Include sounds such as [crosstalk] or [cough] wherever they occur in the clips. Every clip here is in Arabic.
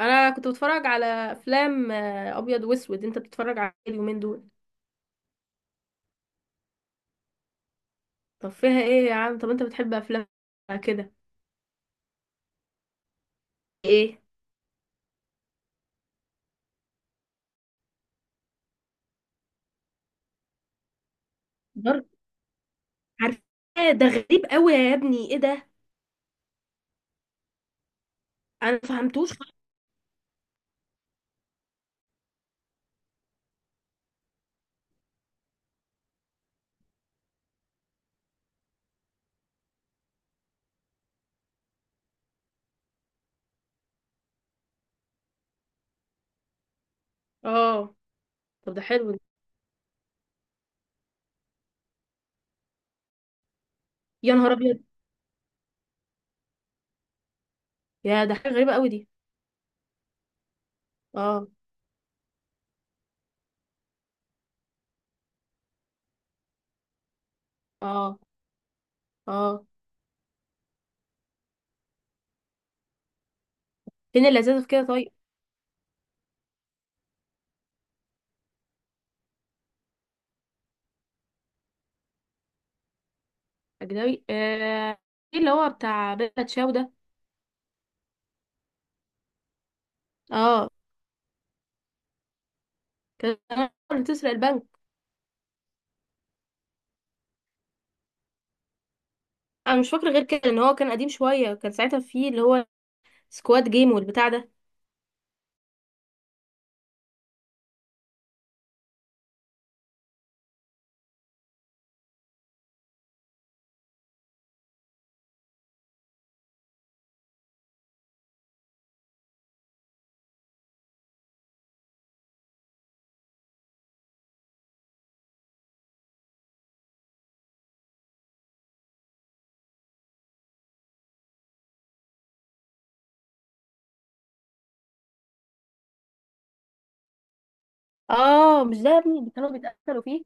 انا كنت بتفرج على افلام ابيض واسود. انت بتتفرج على إيه اليومين دول؟ طب فيها ايه يا عم؟ طب انت بتحب افلام كده؟ ايه؟ دار. عارف. إيه ده غريب قوي يا ابني، ايه ده؟ انا ما فهمتوش خالص. اه، طب ده حلو ده. يا نهار ابيض، يا ده حاجه غريبه قوي دي. اه. اه. اه. فين اللذاذه في كده طيب؟ اجنبي، آه. ايه اللي هو بتاع بيلا تشاو ده؟ اه. كان اللي تسرق البنك. انا مش فاكره غير كده، ان هو كان قديم شويه، كان ساعتها فيه اللي هو سكواد جيم والبتاع ده. اه، مش ده يا ابني اللي كانوا بيتقتلوا فيه؟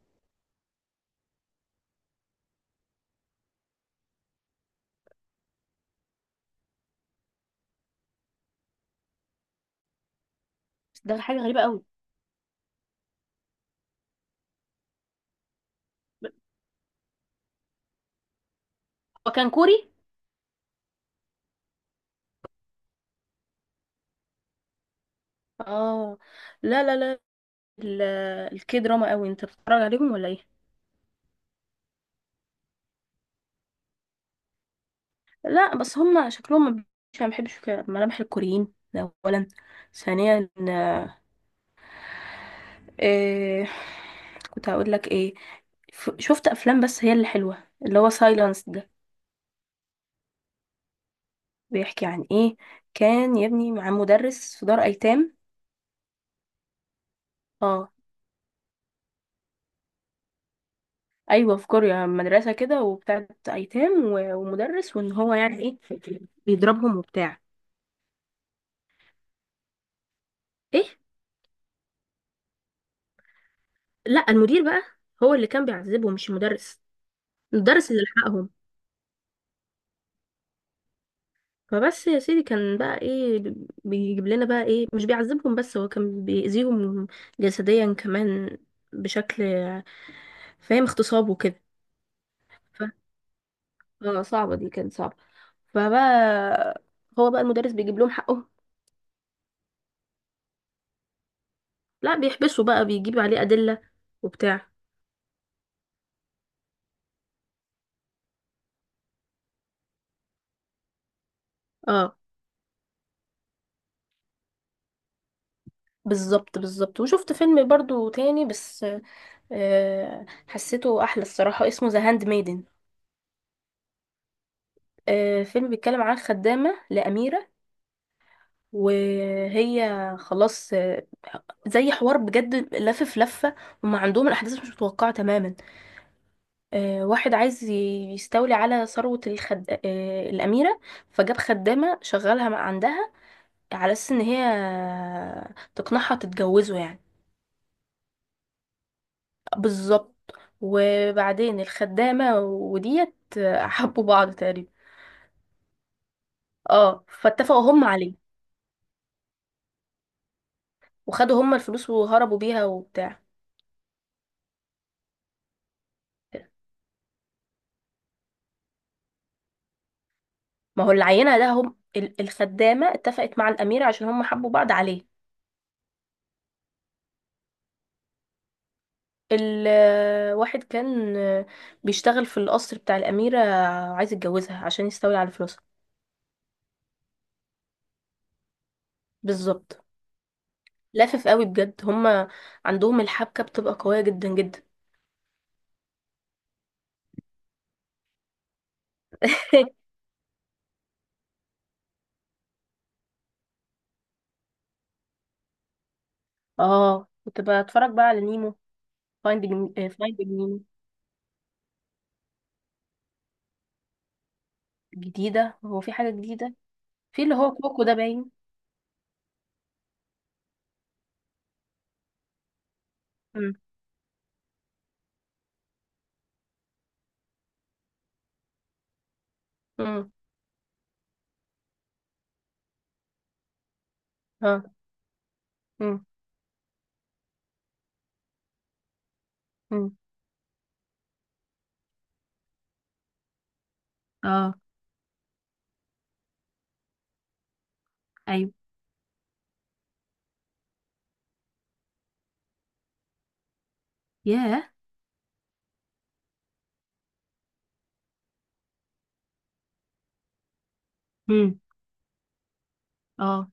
بس ده حاجة غريبة قوي. هو كان كوري؟ اه. لا لا لا. ال- الكي دراما قوي انت بتتفرج عليهم ولا ايه؟ لا، بس هم شكلهم ما بحبش كده، ملامح الكوريين ده اولا. ثانيا إيه، كنت هقول لك ايه؟ شفت افلام، بس هي اللي حلوه اللي هو سايلانس ده. بيحكي عن ايه؟ كان يا ابني مع مدرس في دار ايتام. اه. ايوه في كوريا مدرسه كده وبتاعت ايتام و- ومدرس، وان هو يعني ايه، بيضربهم وبتاع. ايه. لا، المدير بقى هو اللي كان بيعذبهم مش المدرس. المدرس اللي لحقهم. فبس يا سيدي كان بقى ايه؟ بيجيب لنا بقى ايه، مش بيعذبهم بس، هو كان بيأذيهم جسديا كمان بشكل فاهم، اغتصاب وكده. ف... اه، صعبة، دي كانت صعبة. فبقى، هو بقى المدرس بيجيب لهم حقهم. لا، بيحبسوا بقى، بيجيب عليه أدلة وبتاع. اه، بالظبط بالظبط، وشفت فيلم برضو تاني، بس حسيته احلى الصراحة، اسمه ذا هاند ميدن. فيلم بيتكلم عن خدامة لأميرة. وهي خلاص، زي حوار بجد، لف في لفة. وما عندهم الأحداث مش متوقعة تماما. واحد عايز يستولي على ثروة الخد... آه، الأميرة. فجاب خدامة شغالها عندها، على أساس إن هي تقنعها تتجوزه يعني. بالظبط. وبعدين الخدامة وديت، حبوا بعض تقريبا. اه، فاتفقوا هم عليه. وخدوا هم الفلوس وهربوا بيها وبتاع. ما هو العينة ده، هم الخدامة اتفقت مع الأميرة عشان هم حبوا بعض عليه. الواحد كان بيشتغل في القصر بتاع الأميرة، عايز يتجوزها عشان يستولي على فلوسها. بالظبط. لافف قوي بجد، هم عندهم الحبكة بتبقى قوية جدا جدا. [laughs] اه، كنت بتفرج بقى على نيمو فايندينج. فايندينج. جديدة؟ هو في حاجة جديدة؟ في اللي هو كوكو ده باين. مم. مم. اه. مم. مم. اه. ايوه. ياه. مم. اه.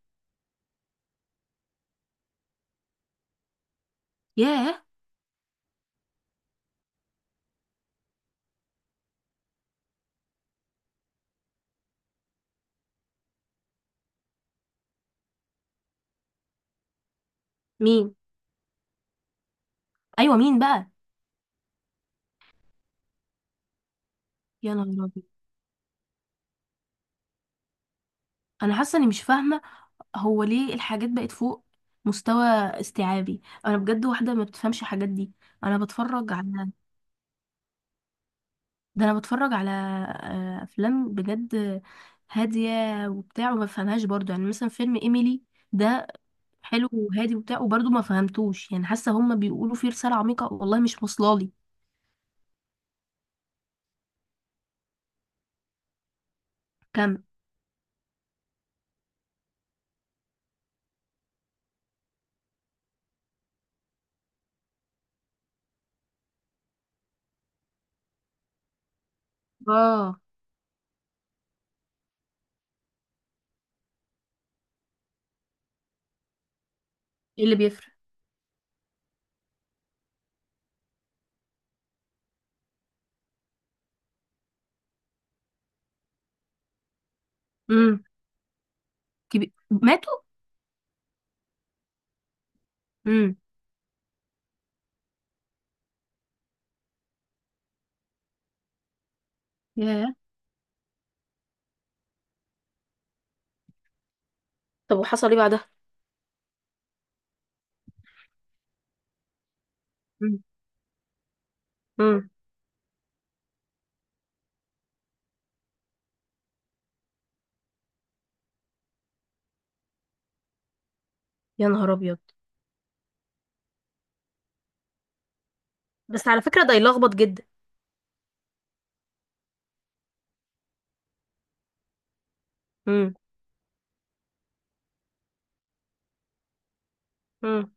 ياه. مين؟ ايوه مين بقى؟ يا نهار ابيض. انا حاسه اني مش فاهمه. هو ليه الحاجات بقت فوق مستوى استيعابي؟ انا بجد واحده ما بتفهمش الحاجات دي. انا بتفرج على ده انا بتفرج على افلام بجد هاديه وبتاع وما بفهمهاش برضو، يعني مثلا فيلم ايميلي ده حلو وهادي وبتاع وبرضو ما فهمتوش، يعني حاسه هما بيقولوا فيه رساله عميقه والله مش واصلالي. كم؟ اه. ايه اللي بيفرق؟ امم. كبير ماتوا. امم. ياه. طب وحصل ايه بعدها؟ امم. يا نهار ابيض. بس على فكرة ده يلخبط جدا. امم. امم.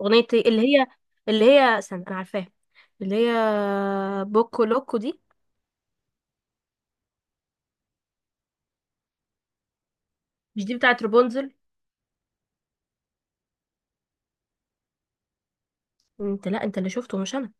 اغنية ايه اللي هي، اللي هي استنى انا عارفاها، اللي هي بوكو لوكو دي؟ مش دي بتاعت رابونزل؟ انت، لا انت اللي شفته مش انا.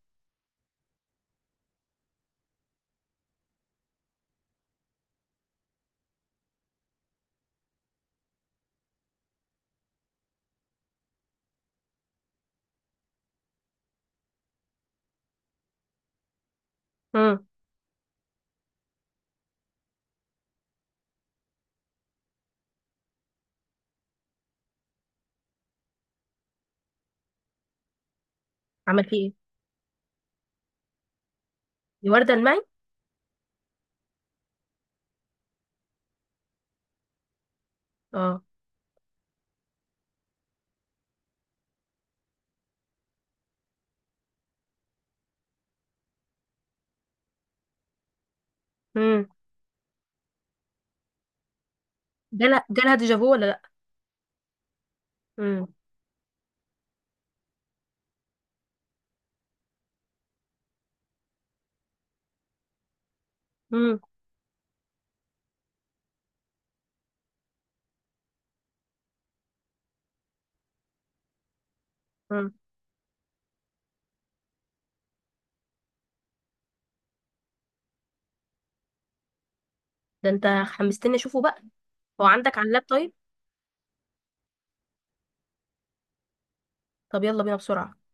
امم. عمل فيه ايه؟ دي وردة المعي. اه. امم. جالها جالها ديجافو ولا لا؟ امم. امم. امم. ده انت حمستني اشوفه بقى. هو عندك على اللاب طيب؟ طب يلا بينا بسرعة.